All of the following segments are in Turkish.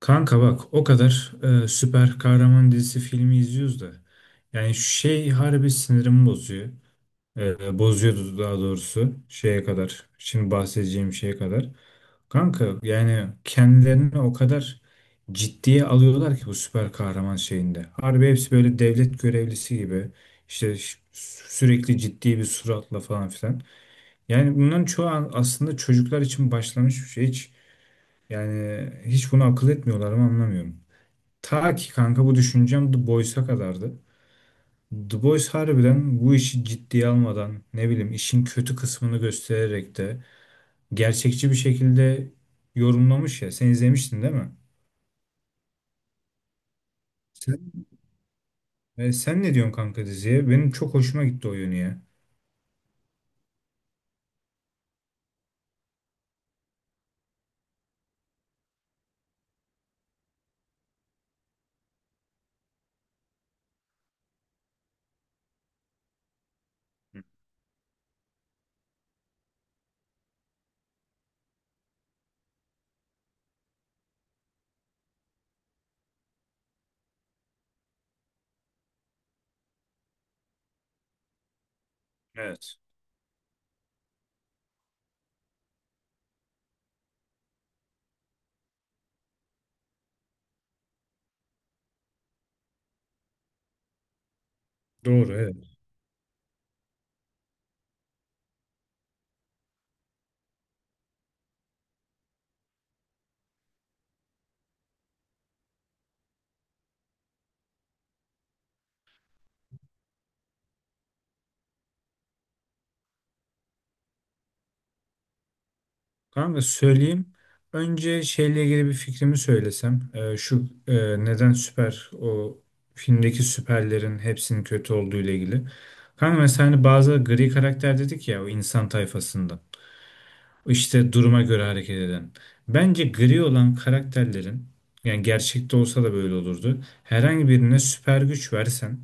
Kanka bak o kadar süper kahraman dizisi filmi izliyoruz da yani şey harbi sinirimi bozuyor. Bozuyordu daha doğrusu şeye kadar. Şimdi bahsedeceğim şeye kadar. Kanka yani kendilerini o kadar ciddiye alıyorlar ki bu süper kahraman şeyinde. Harbi hepsi böyle devlet görevlisi gibi işte sürekli ciddi bir suratla falan filan. Yani bunların çoğu aslında çocuklar için başlamış bir şey. Hiç yani hiç bunu akıl etmiyorlar mı anlamıyorum. Ta ki kanka bu düşüncem The Boys'a kadardı. The Boys harbiden bu işi ciddiye almadan ne bileyim işin kötü kısmını göstererek de gerçekçi bir şekilde yorumlamış ya. Sen izlemiştin değil mi? Sen, sen ne diyorsun kanka diziye? Benim çok hoşuma gitti o yönü ya. Evet. Doğru, evet. Kanka söyleyeyim. Önce şeyle ilgili bir fikrimi söylesem. Şu neden süper o filmdeki süperlerin hepsinin kötü olduğu ile ilgili. Kanka mesela hani bazı gri karakter dedik ya o insan tayfasından. İşte duruma göre hareket eden. Bence gri olan karakterlerin yani gerçekte olsa da böyle olurdu. Herhangi birine süper güç versen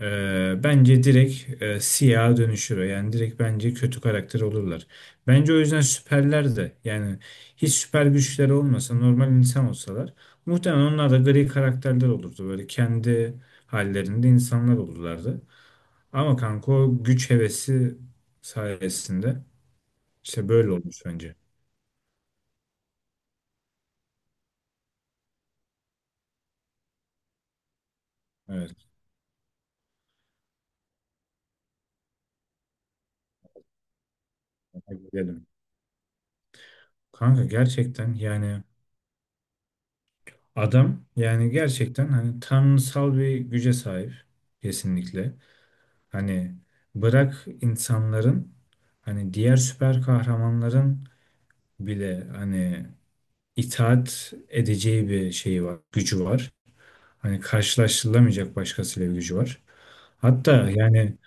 bence direkt siyaha dönüşür. Yani direkt bence kötü karakter olurlar. Bence o yüzden süperler de yani hiç süper güçleri olmasa normal insan olsalar muhtemelen onlar da gri karakterler olurdu. Böyle kendi hallerinde insanlar olurlardı. Ama kanka o güç hevesi sayesinde işte böyle olmuş bence. Evet. Tebrik ederim. Kanka gerçekten yani adam yani gerçekten hani tanrısal bir güce sahip kesinlikle. Hani bırak insanların, hani diğer süper kahramanların bile hani itaat edeceği bir şeyi var, gücü var. Hani karşılaştırılamayacak başkasıyla bir gücü var. Hatta yani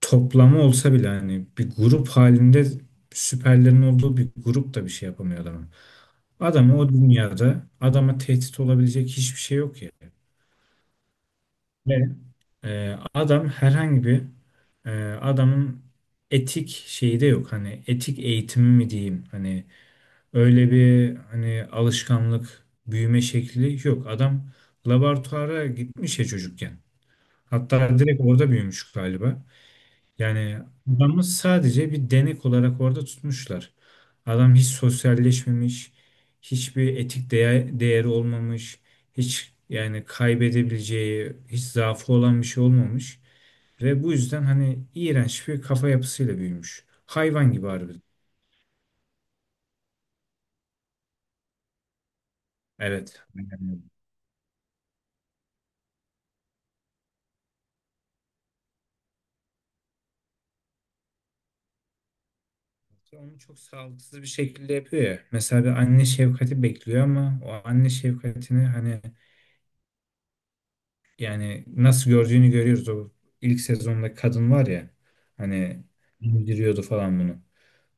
toplamı olsa bile hani bir grup halinde süperlerin olduğu bir grup da bir şey yapamıyor adamın. Adamı o dünyada adama tehdit olabilecek hiçbir şey yok ya. Adam herhangi bir e, adamın etik şeyi de yok. Hani etik eğitimi mi diyeyim? Hani öyle bir hani alışkanlık, büyüme şekli yok. Adam laboratuvara gitmiş ya çocukken. Hatta direkt orada büyümüş galiba. Yani adamı sadece bir denek olarak orada tutmuşlar. Adam hiç sosyalleşmemiş, hiçbir etik değer, değeri olmamış, hiç yani kaybedebileceği, hiç zaafı olan bir şey olmamış. Ve bu yüzden hani iğrenç bir kafa yapısıyla büyümüş. Hayvan gibi harbiden. Evet. Aynen öyle. Onu çok sağlıksız bir şekilde yapıyor ya. Mesela bir anne şefkati bekliyor ama o anne şefkatini hani yani nasıl gördüğünü görüyoruz. O ilk sezonda kadın var ya hani indiriyordu falan bunu.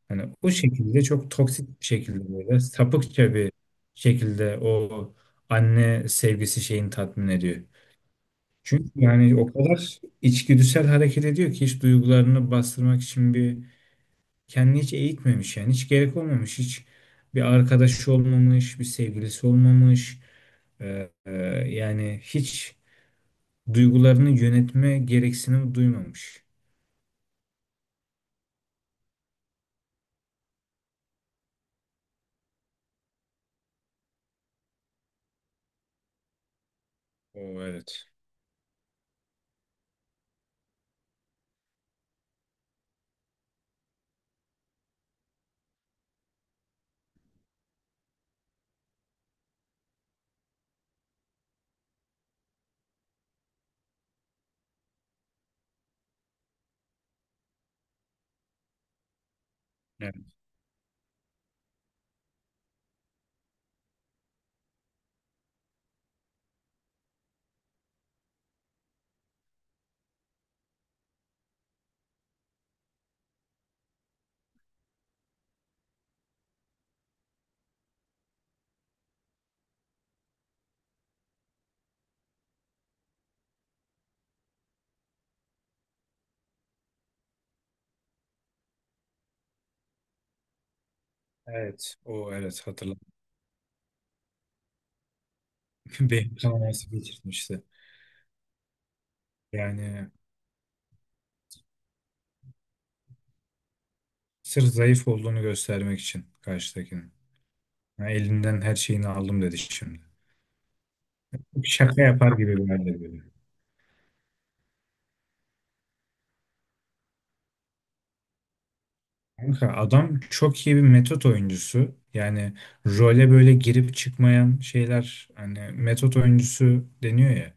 Hani o şekilde çok toksik bir şekilde böyle sapıkça bir şekilde o anne sevgisi şeyini tatmin ediyor. Çünkü yani o kadar içgüdüsel hareket ediyor ki hiç duygularını bastırmak için bir kendini hiç eğitmemiş, yani hiç gerek olmamış, hiç bir arkadaşı olmamış, bir sevgilisi olmamış. Ee, e, Yani hiç duygularını yönetme gereksinimi duymamış. O evet. Evet, evet. O evet, hatırladım. Beyin kanaması geçirmişti. Yani sırf zayıf olduğunu göstermek için karşıdakinin. Ha, elinden her şeyini aldım dedi şimdi. Şaka yapar gibi bir halde böyle. Kanka adam çok iyi bir metot oyuncusu. Yani role böyle girip çıkmayan şeyler hani metot oyuncusu deniyor ya.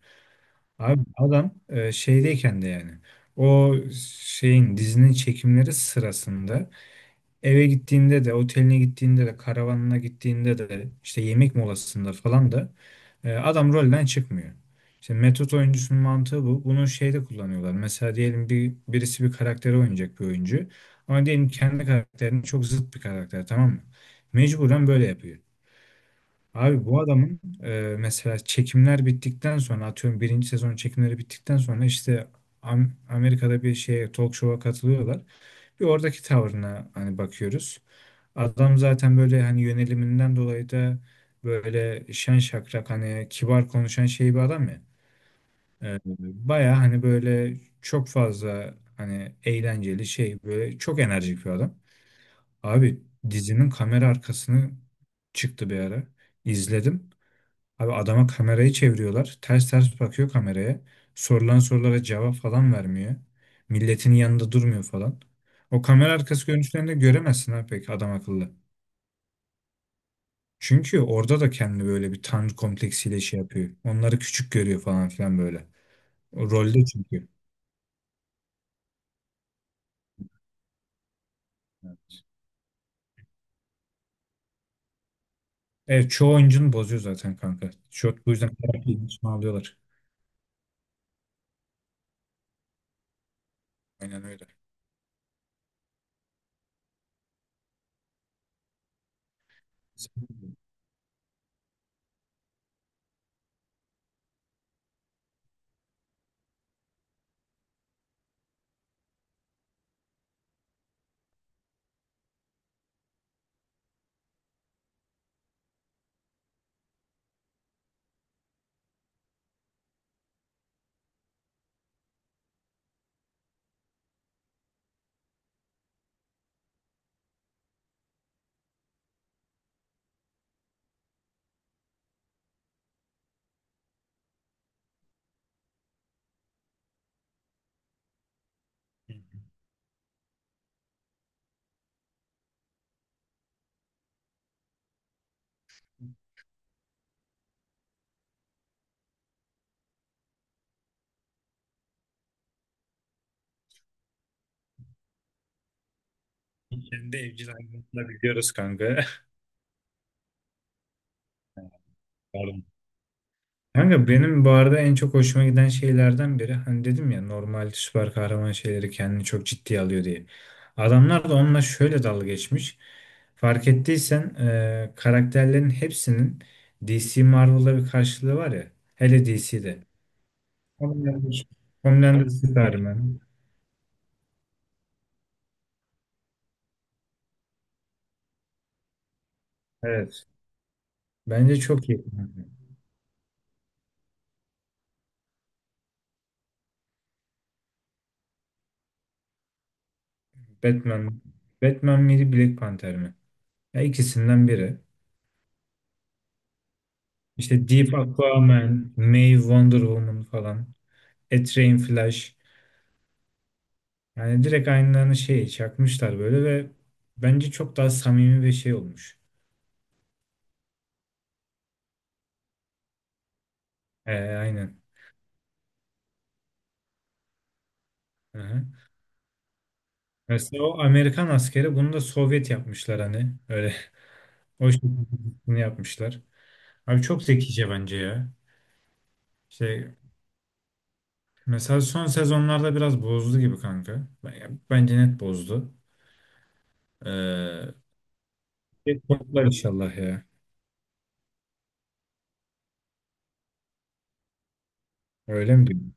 Abi adam şeydeyken de yani o şeyin, dizinin çekimleri sırasında eve gittiğinde de, oteline gittiğinde de, karavanına gittiğinde de, işte yemek molasında falan da adam rolden çıkmıyor. Şimdi metot oyuncusunun mantığı bu. Bunu şeyde kullanıyorlar. Mesela diyelim birisi bir karakteri oynayacak bir oyuncu. Ama diyelim kendi karakterinin çok zıt bir karakter, tamam mı? Mecburen böyle yapıyor. Abi bu adamın, mesela çekimler bittikten sonra, atıyorum birinci sezon çekimleri bittikten sonra işte Amerika'da bir şeye, talk show'a katılıyorlar. Bir oradaki tavrına hani bakıyoruz. Adam zaten böyle hani yöneliminden dolayı da böyle şen şakrak hani kibar konuşan şey bir adam ya. Ee, Baya hani böyle çok fazla hani eğlenceli şey böyle çok enerjik bir adam. Abi dizinin kamera arkasını çıktı bir ara. İzledim. Abi adama kamerayı çeviriyorlar. Ters ters bakıyor kameraya. Sorulan sorulara cevap falan vermiyor. Milletin yanında durmuyor falan. O kamera arkası görüntülerinde göremezsin ha pek adam akıllı. Çünkü orada da kendi böyle bir tanrı kompleksiyle şey yapıyor. Onları küçük görüyor falan filan böyle. O rolde çünkü. Evet, çoğu oyuncunu bozuyor zaten kanka. Bu yüzden terapiyi içine alıyorlar. Aynen öyle. Kendi evcil hayvanını da biliyoruz kanka. Pardon. Kanka benim bu arada en çok hoşuma giden şeylerden biri hani dedim ya normal süper kahraman şeyleri kendini çok ciddiye alıyor diye. Adamlar da onunla şöyle dalga geçmiş. Fark ettiysen karakterlerin hepsinin DC Marvel'da bir karşılığı var ya. Hele DC'de. Homelander, Homelander Superman. Evet. Bence çok iyi. Batman. Batman miydi, Black Panther mi? Ya ikisinden biri. İşte Deep Aquaman, May Wonder Woman falan. A Flash. Yani direkt aynılarını şey çakmışlar böyle ve bence çok daha samimi bir şey olmuş. Aynen. Aha. Mesela o Amerikan askeri, bunu da Sovyet yapmışlar hani. Öyle o şekilde yapmışlar. Abi çok zekice bence ya. Şey mesela son sezonlarda biraz bozdu gibi kanka. Bence net bozdu. Ee, Bir toplar inşallah ya. Öyle mi diyorsun?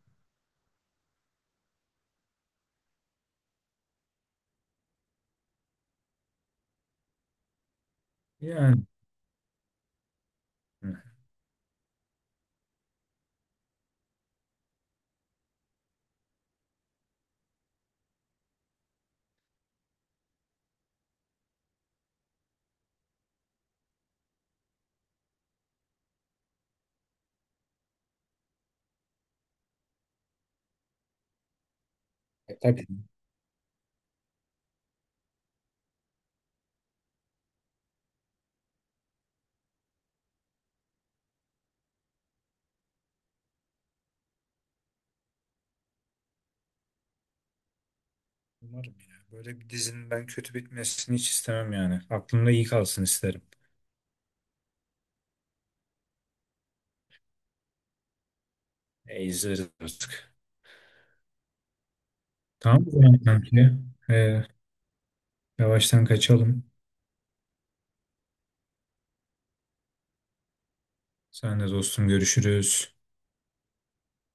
Yani. Hı. E, tabii. Umarım ya. Böyle bir dizinin ben kötü bitmesini hiç istemem yani. Aklımda iyi kalsın isterim. E, izleriz artık. Tamam mı yani kanki? E, Yavaştan kaçalım. Sen de dostum, görüşürüz.